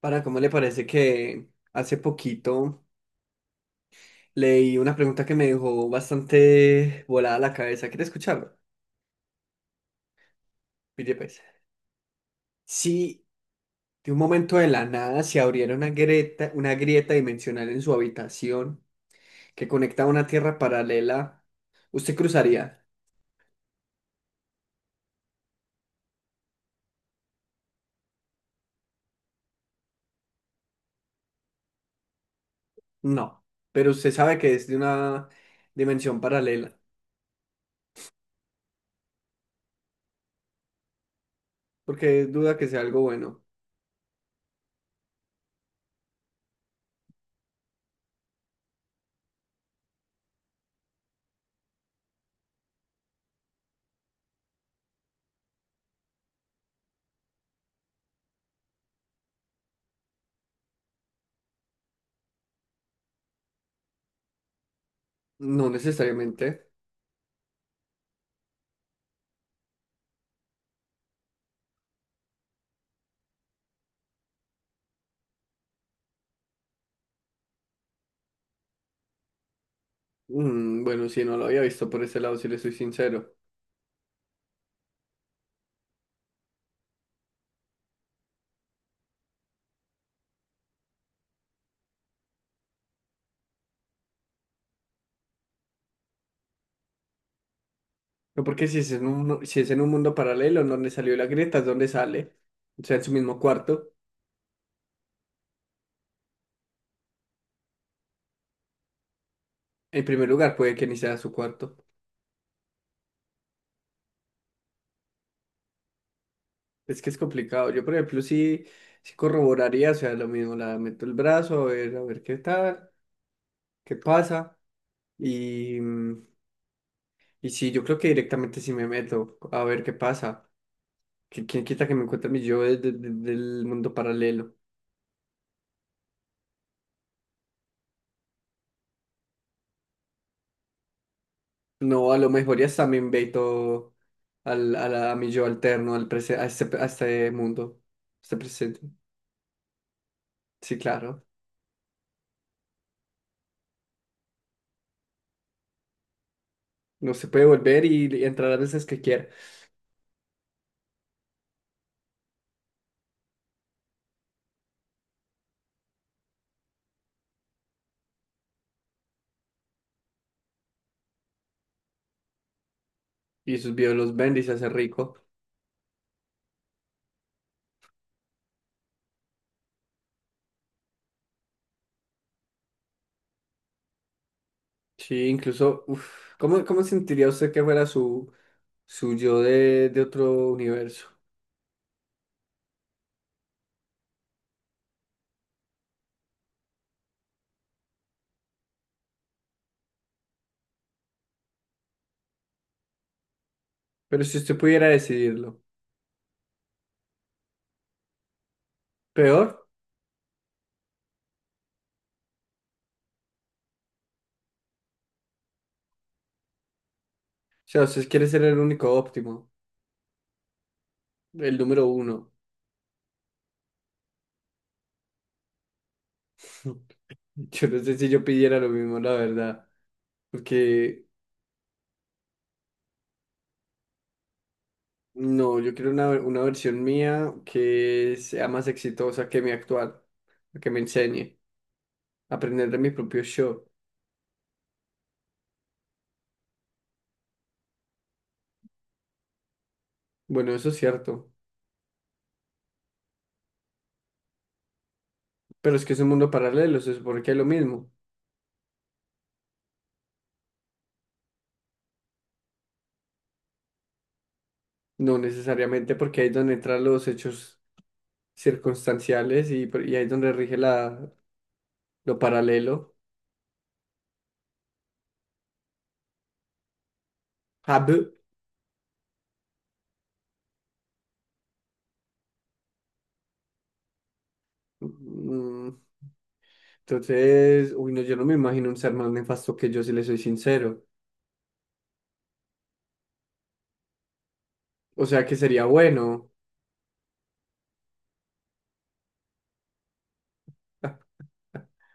Para, ¿cómo le parece que hace poquito leí una pregunta que me dejó bastante volada la cabeza? ¿Quiere escucharlo? Pille, pues. Si de un momento de la nada se abriera una grieta dimensional en su habitación que conecta a una tierra paralela, ¿usted cruzaría? No, pero usted sabe que es de una dimensión paralela, porque duda que sea algo bueno. No necesariamente. Bueno, si no lo había visto por ese lado, si le soy sincero. No, porque si es en un, no, si es en un mundo paralelo en donde salió la grieta, es donde sale. O sea, en su mismo cuarto. En primer lugar, puede que ni sea su cuarto. Es que es complicado. Yo, por ejemplo, sí, sí corroboraría, o sea, lo mismo, la meto el brazo, a ver qué tal, qué pasa. Y, mm, y sí, yo creo que directamente sí me meto, a ver qué pasa. Que, ¿quién quita que me encuentre mi yo del mundo paralelo? No, a lo mejor ya está, me invito a mi yo alterno, a, a este mundo, a este presente. Sí, claro. No se puede volver y entrar las veces que quiera. Y sus videos los vende y se hace rico. Sí, incluso, uf, ¿cómo, cómo sentiría usted que fuera su, su yo de otro universo? Pero si usted pudiera decidirlo, peor. O sea, usted quiere ser el único óptimo, el número uno. Yo no sé si yo pidiera lo mismo, la verdad. Porque no, yo quiero una versión mía que sea más exitosa que mi actual, que me enseñe a aprender de mi propio show. Bueno, eso es cierto, pero es que es un mundo paralelo, se supone que es lo mismo. No necesariamente porque ahí es donde entran los hechos circunstanciales y ahí es donde rige lo paralelo. Hab. Mm, mm. Entonces, uy, no, yo no me imagino un ser más nefasto que yo, si le soy sincero. O sea que sería bueno,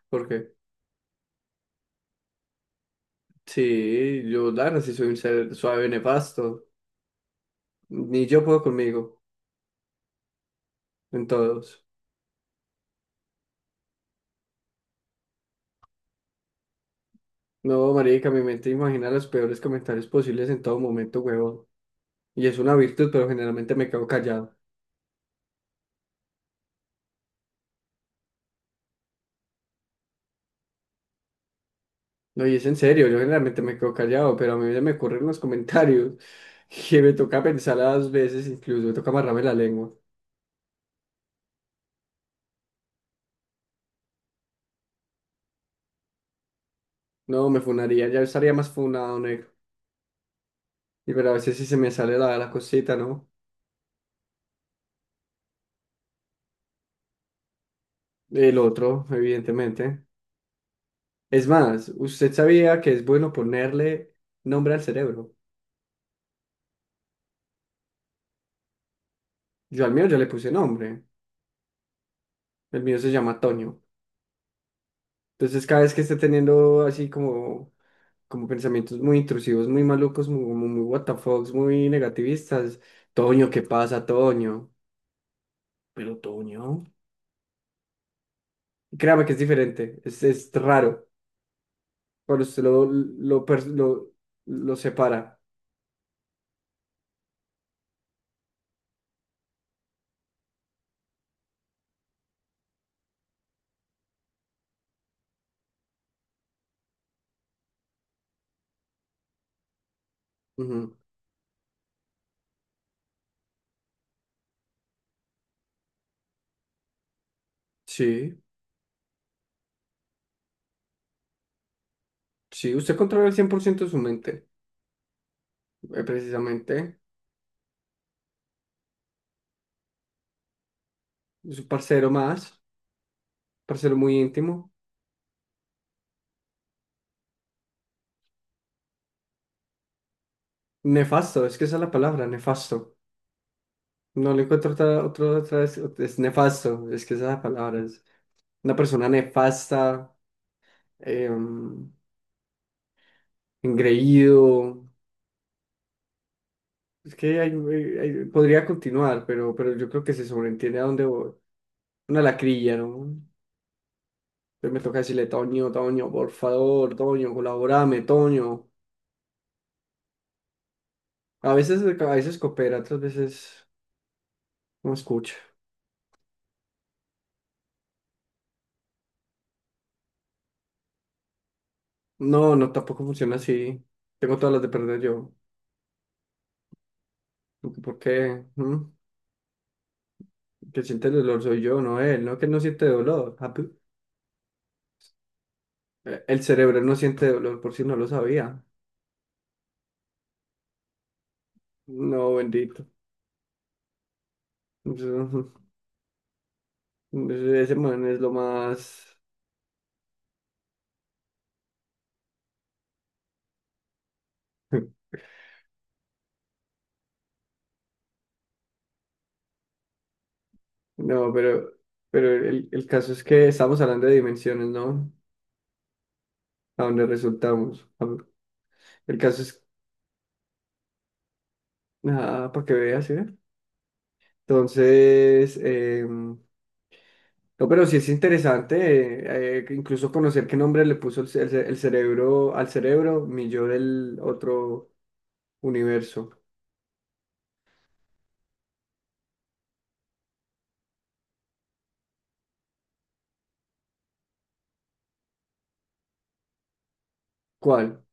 porque... Sí, yo la verdad sí soy un ser suave nefasto. Ni yo puedo conmigo, en todos. No, marica, mi mente imagina los peores comentarios posibles en todo momento, huevón. Y es una virtud, pero generalmente me quedo callado. No, y es en serio, yo generalmente me quedo callado, pero a mí se me ocurren los comentarios que me toca pensar las veces, incluso me toca amarrarme la lengua. No, me funaría, ya estaría más funado, negro. Y pero a veces sí se me sale la, la cosita, ¿no? El otro, evidentemente. Es más, ¿usted sabía que es bueno ponerle nombre al cerebro? Yo al mío ya le puse nombre. El mío se llama Toño. Entonces, cada vez que esté teniendo así como, como pensamientos muy intrusivos, muy malucos, muy, muy, muy what the fucks, muy negativistas, Toño, ¿qué pasa, Toño? Pero Toño. Créame que es diferente. Es raro. Cuando usted lo separa. Ujú. Sí, sí, usted controla el 100% de su mente. Precisamente. Es un parcero más. Para ser muy íntimo. Nefasto, es que esa es la palabra, nefasto. No le encuentro otra, otra, otra vez, es nefasto, es que esa es la palabra, es una persona nefasta, eh, engreído. Es que podría continuar, pero yo creo que se sobreentiende a dónde voy. Una lacrilla, ¿no? Entonces me toca decirle, Toño, Toño, por favor, Toño, colaborame, Toño. A veces coopera, otras veces no escucha. No, no, tampoco funciona así. Tengo todas las de perder yo. ¿Por qué? ¿Mm? Que siente el dolor soy yo, no él, no que él no siente dolor. Ah, pu- el cerebro no siente dolor, por si no lo sabía. No, bendito. Eso... Ese man es lo más... No, pero el caso es que estamos hablando de dimensiones, ¿no? A donde resultamos. Ah, el caso es... Ah, para que veas, ¿eh? Entonces, em, No, pero sí es interesante, incluso conocer qué nombre le puso el cerebro al cerebro, mi yo del otro universo. ¿Cuál?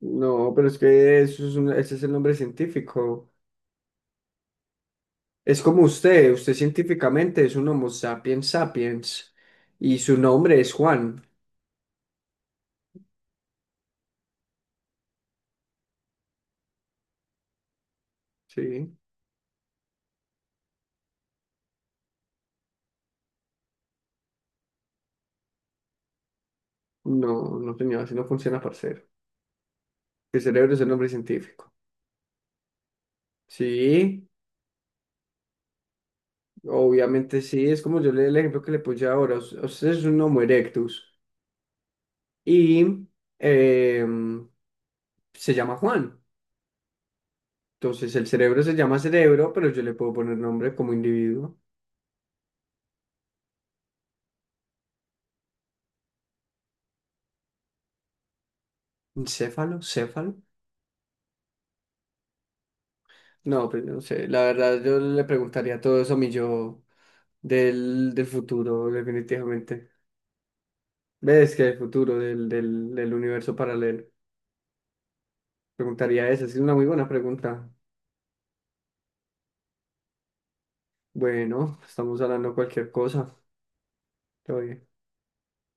No, pero es que eso es un- ese es el nombre científico. Es como usted, usted científicamente es un Homo sapiens sapiens y su nombre es Juan. Sí, no, no señor, así no funciona, parcero. El cerebro es el nombre científico. Sí, obviamente sí, es como yo le el ejemplo que le puse ahora. Usted es un Homo erectus y eh, se llama Juan. Entonces el cerebro se llama cerebro, pero yo le puedo poner nombre como individuo. ¿Encéfalo? ¿Céfalo? No, pues no sé. La verdad, yo le preguntaría todo eso a mi yo del futuro, definitivamente. ¿Ves que el futuro del universo paralelo? Preguntaría eso. Es una muy buena pregunta. Bueno, estamos hablando cualquier cosa. Todo bien.